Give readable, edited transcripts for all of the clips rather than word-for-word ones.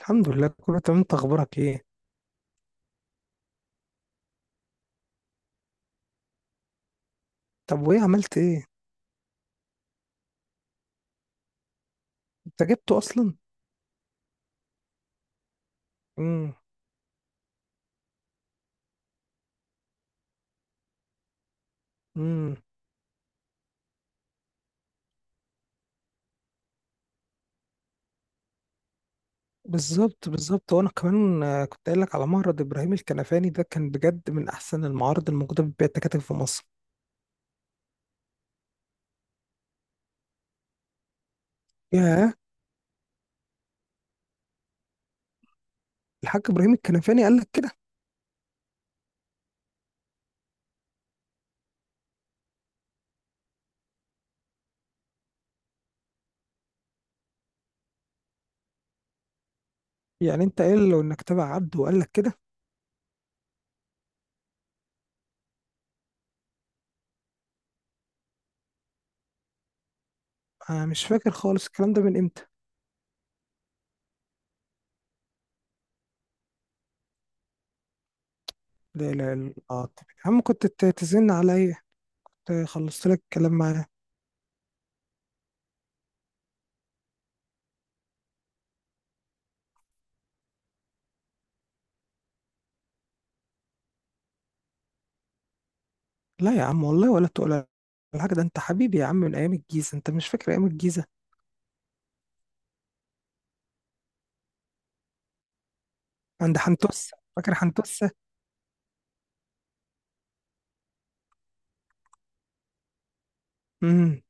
الحمد لله، كله تمام. انت اخبارك ايه؟ طب وايه عملت ايه؟ انت جبته اصلا؟ امم. امم. بالظبط، بالظبط، وانا كمان كنت قايل لك على معرض ابراهيم الكنفاني. ده كان بجد من احسن المعارض الموجوده بتبيع التكاتك في مصر. ياه. الحاج ابراهيم الكنفاني قال لك كده؟ يعني انت قايل له انك تبع عبده وقال لك كده؟ انا مش فاكر خالص الكلام ده من امتى. لا، لا، لا، اه، طب يا عم، كنت تزن عليا. كنت خلصت لك الكلام معاه. لا يا عم والله، ولا تقول. الحاجة ده، انت حبيبي يا عم، من ايام الجيزة. انت مش فاكر ايام الجيزة؟ عند حنتوسة، فاكر حنتوسة؟ امم.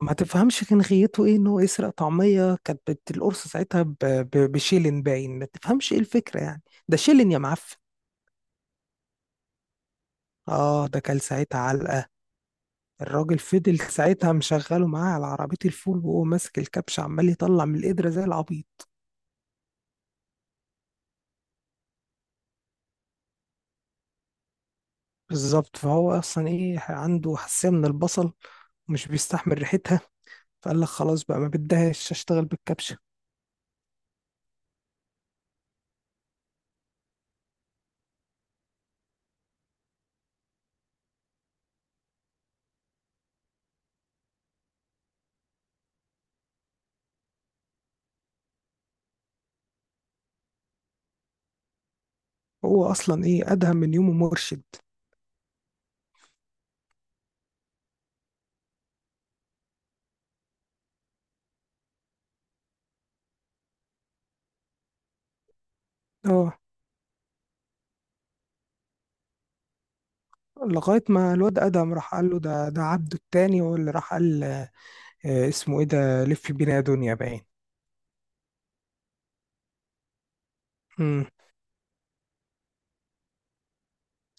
ما تفهمش كان غيته ايه ان هو يسرق طعمية، كانت القرص ساعتها بشيلن، باين ما تفهمش ايه الفكرة يعني. ده شيلن يا معفن. اه، ده كان ساعتها علقة. الراجل فضل ساعتها مشغله معاه على عربية الفول، وهو ماسك الكبش عمال يطلع من القدرة زي العبيط. بالظبط، فهو اصلا ايه عنده حساسية من البصل، ومش بيستحمل ريحتها، فقال لك خلاص بقى ما بدهاش اشتغل بالكبشة. هو اصلا ايه ادهم من يومه مرشد. اه. لغاية ما الواد أدهم راح قال له ده عبده التاني، هو اللي راح قال. اسمه إيه ده؟ لف بينا يا دنيا باين. مم.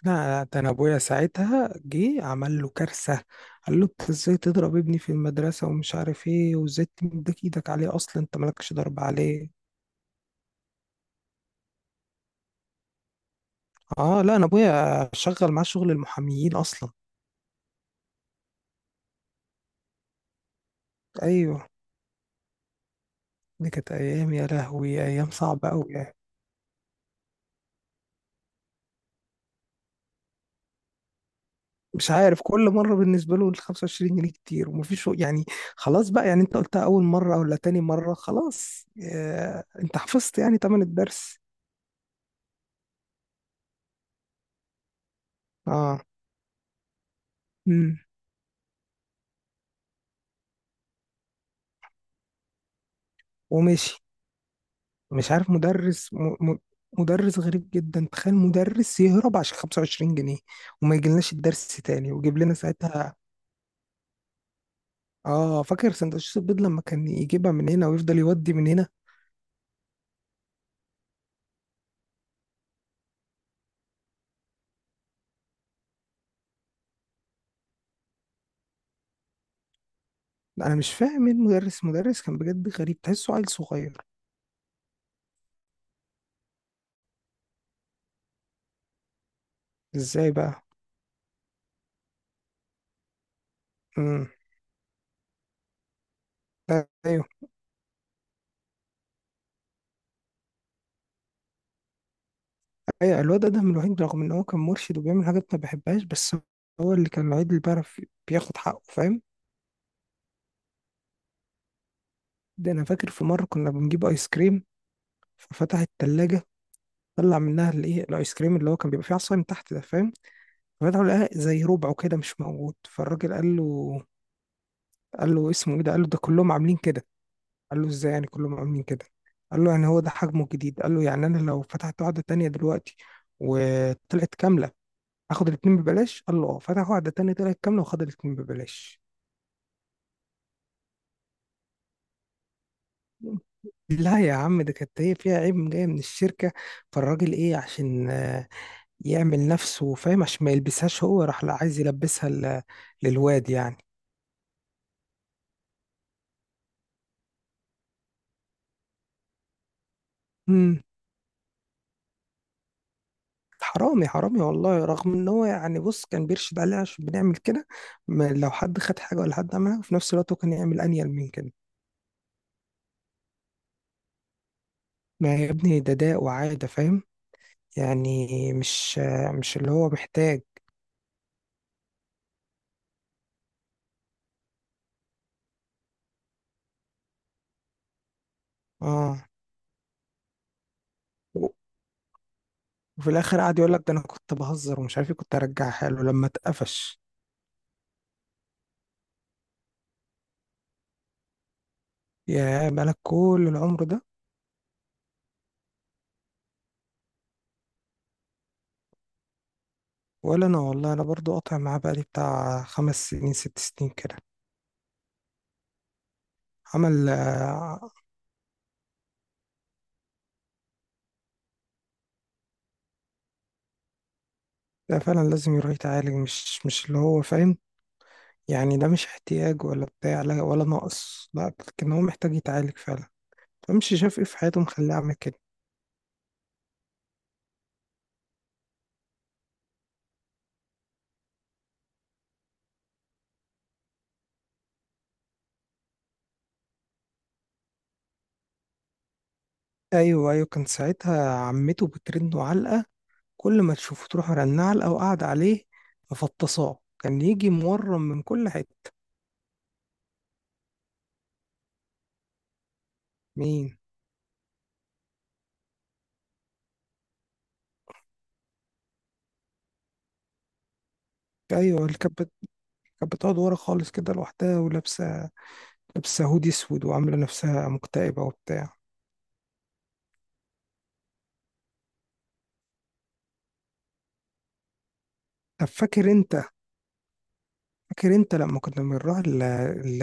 لا، ده أنا أبويا ساعتها جه عمل له كارثة. قال له: أنت إزاي تضرب ابني في المدرسة ومش عارف إيه، وإزاي تمدك إيدك عليه أصلا، أنت مالكش ضرب عليه. آه، لا، أنا أبويا شغل معاه شغل المحاميين أصلا. أيوه. دي كانت أيام، يا لهوي، أيام صعبة أوي يعني. مش عارف كل مره بالنسبه له ال 25 جنيه كتير، ومفيش يعني. خلاص بقى، يعني انت قلتها اول مره ولا تاني مره. خلاص انت حفظت يعني تمن الدرس. اه. امم. وماشي. مش عارف، مدرس م م مدرس غريب جدا. تخيل مدرس يهرب عشان 25 جنيه، وما يجيلناش الدرس تاني، ويجيب لنا ساعتها. اه، فاكر سندوتشات البيض لما كان يجيبها من هنا ويفضل يودي من هنا. انا مش فاهم ايه مدرس كان بجد غريب، تحسه عيل صغير. ازاي بقى؟ امم. ايوه، ايوه، الواد ادهم الوحيد رغم ان هو كان مرشد وبيعمل حاجات ما بحبهاش، بس هو اللي كان الوحيد اللي بيعرف بياخد حقه، فاهم. ده انا فاكر في مره كنا بنجيب ايس كريم، ففتح التلاجة. طلع منها الايس كريم اللي هو كان بيبقى فيه عصاية من تحت ده، فاهم. ففتحوا لقاها زي ربعه كده مش موجود. فالراجل قال له، قال له: اسمه ايه ده؟ قال له: ده كلهم عاملين كده. قال له: ازاي يعني كلهم عاملين كده؟ قال له: يعني هو ده حجمه الجديد. قال له: يعني انا لو فتحت واحده تانية دلوقتي وطلعت كامله، اخد الاتنين ببلاش؟ قال له: اه. فتح واحده تانية طلعت كامله وخد الاتنين ببلاش. لا يا عم، ده كانت هي فيها عيب جاي من الشركة. فالراجل ايه عشان يعمل نفسه فاهم، عشان ما يلبسهاش هو، راح لا عايز يلبسها للواد يعني. امم. حرامي، حرامي والله، رغم ان هو يعني، بص، كان بيرشد عليها عشان بنعمل كده. لو حد خد حاجة ولا حد عملها في نفس الوقت، هو كان يعمل انيل من كده. ما يا ابني ده داء وعادة، فاهم يعني. مش اللي هو محتاج. اه. وفي الاخر قعد يقول لك: ده انا كنت بهزر ومش عارف ايه، كنت ارجعها له لما اتقفش. يا، بقالك كل العمر ده! ولا انا والله، انا برضو قاطع معاه بقالي بتاع 5 سنين 6 سنين كده. عمل. ده فعلا لازم يروح يتعالج، مش اللي هو فاهم يعني. ده مش احتياج ولا بتاع، لا، ولا نقص، لا، لكن هو محتاج يتعالج فعلا. فمش شاف ايه في حياته مخليه عمل كده. ايوه، ايوه، كان ساعتها عمته بترنه علقه. كل ما تشوفه تروح مرنه علقه وقاعده عليه. مفطصاه، كان يجي مورم من كل حته. مين؟ ايوه. كانت بتقعد ورا خالص كده لوحدها، ولابسه هودي اسود، وعامله نفسها مكتئبه وبتاع. طب فاكر انت، فاكر انت لما كنا بنروح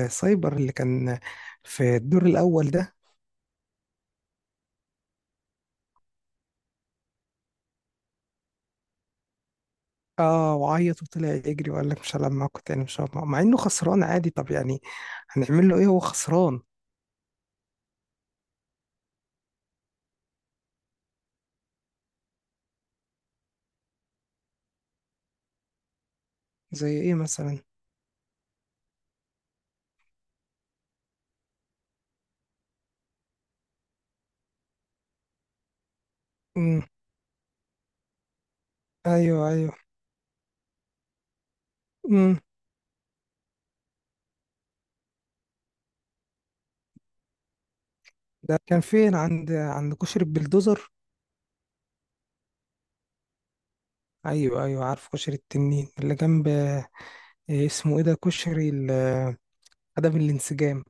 السايبر اللي كان في الدور الاول ده؟ اه، وعيط وطلع يجري وقال لك: مش هلعب معاكم تاني، مش هلعب معاكم. مع انه خسران عادي، طب يعني هنعمل له ايه؟ هو خسران. زي ايه مثلا؟ امم. ايوه، ايوه. امم. ده كان فين؟ عند كشري البلدوزر؟ ايوه، ايوه، عارف كشري التنين اللي جنب اسمه ايه ده، كشري عدم الانسجام.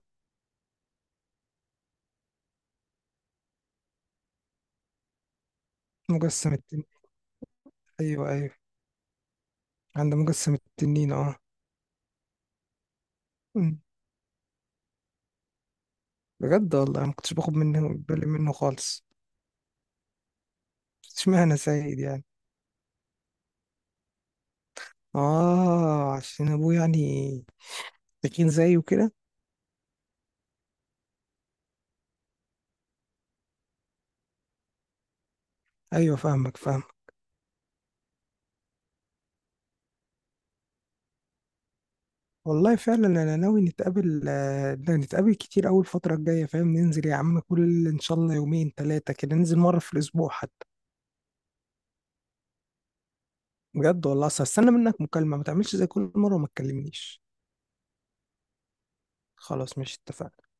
مجسم التنين. ايوه، ايوه، عند مجسم التنين، اه. أمم. بجد والله، أنا ما كنتش باخد منه بالي منه خالص. اشمعنى سيد يعني؟ اه، عشان ابوه يعني، تخين زيه كده. ايوه، فاهمك فاهمك. والله فعلا انا ناوي نتقابل كتير اول الفتره الجايه، فاهم. ننزل يا عم، كل ان شاء الله يومين 3 كده، ننزل مره في الاسبوع حتى. بجد والله، اصل هستنى منك مكالمه، ما تعملش زي كل مره وما تكلمنيش. خلاص، مش اتفقنا؟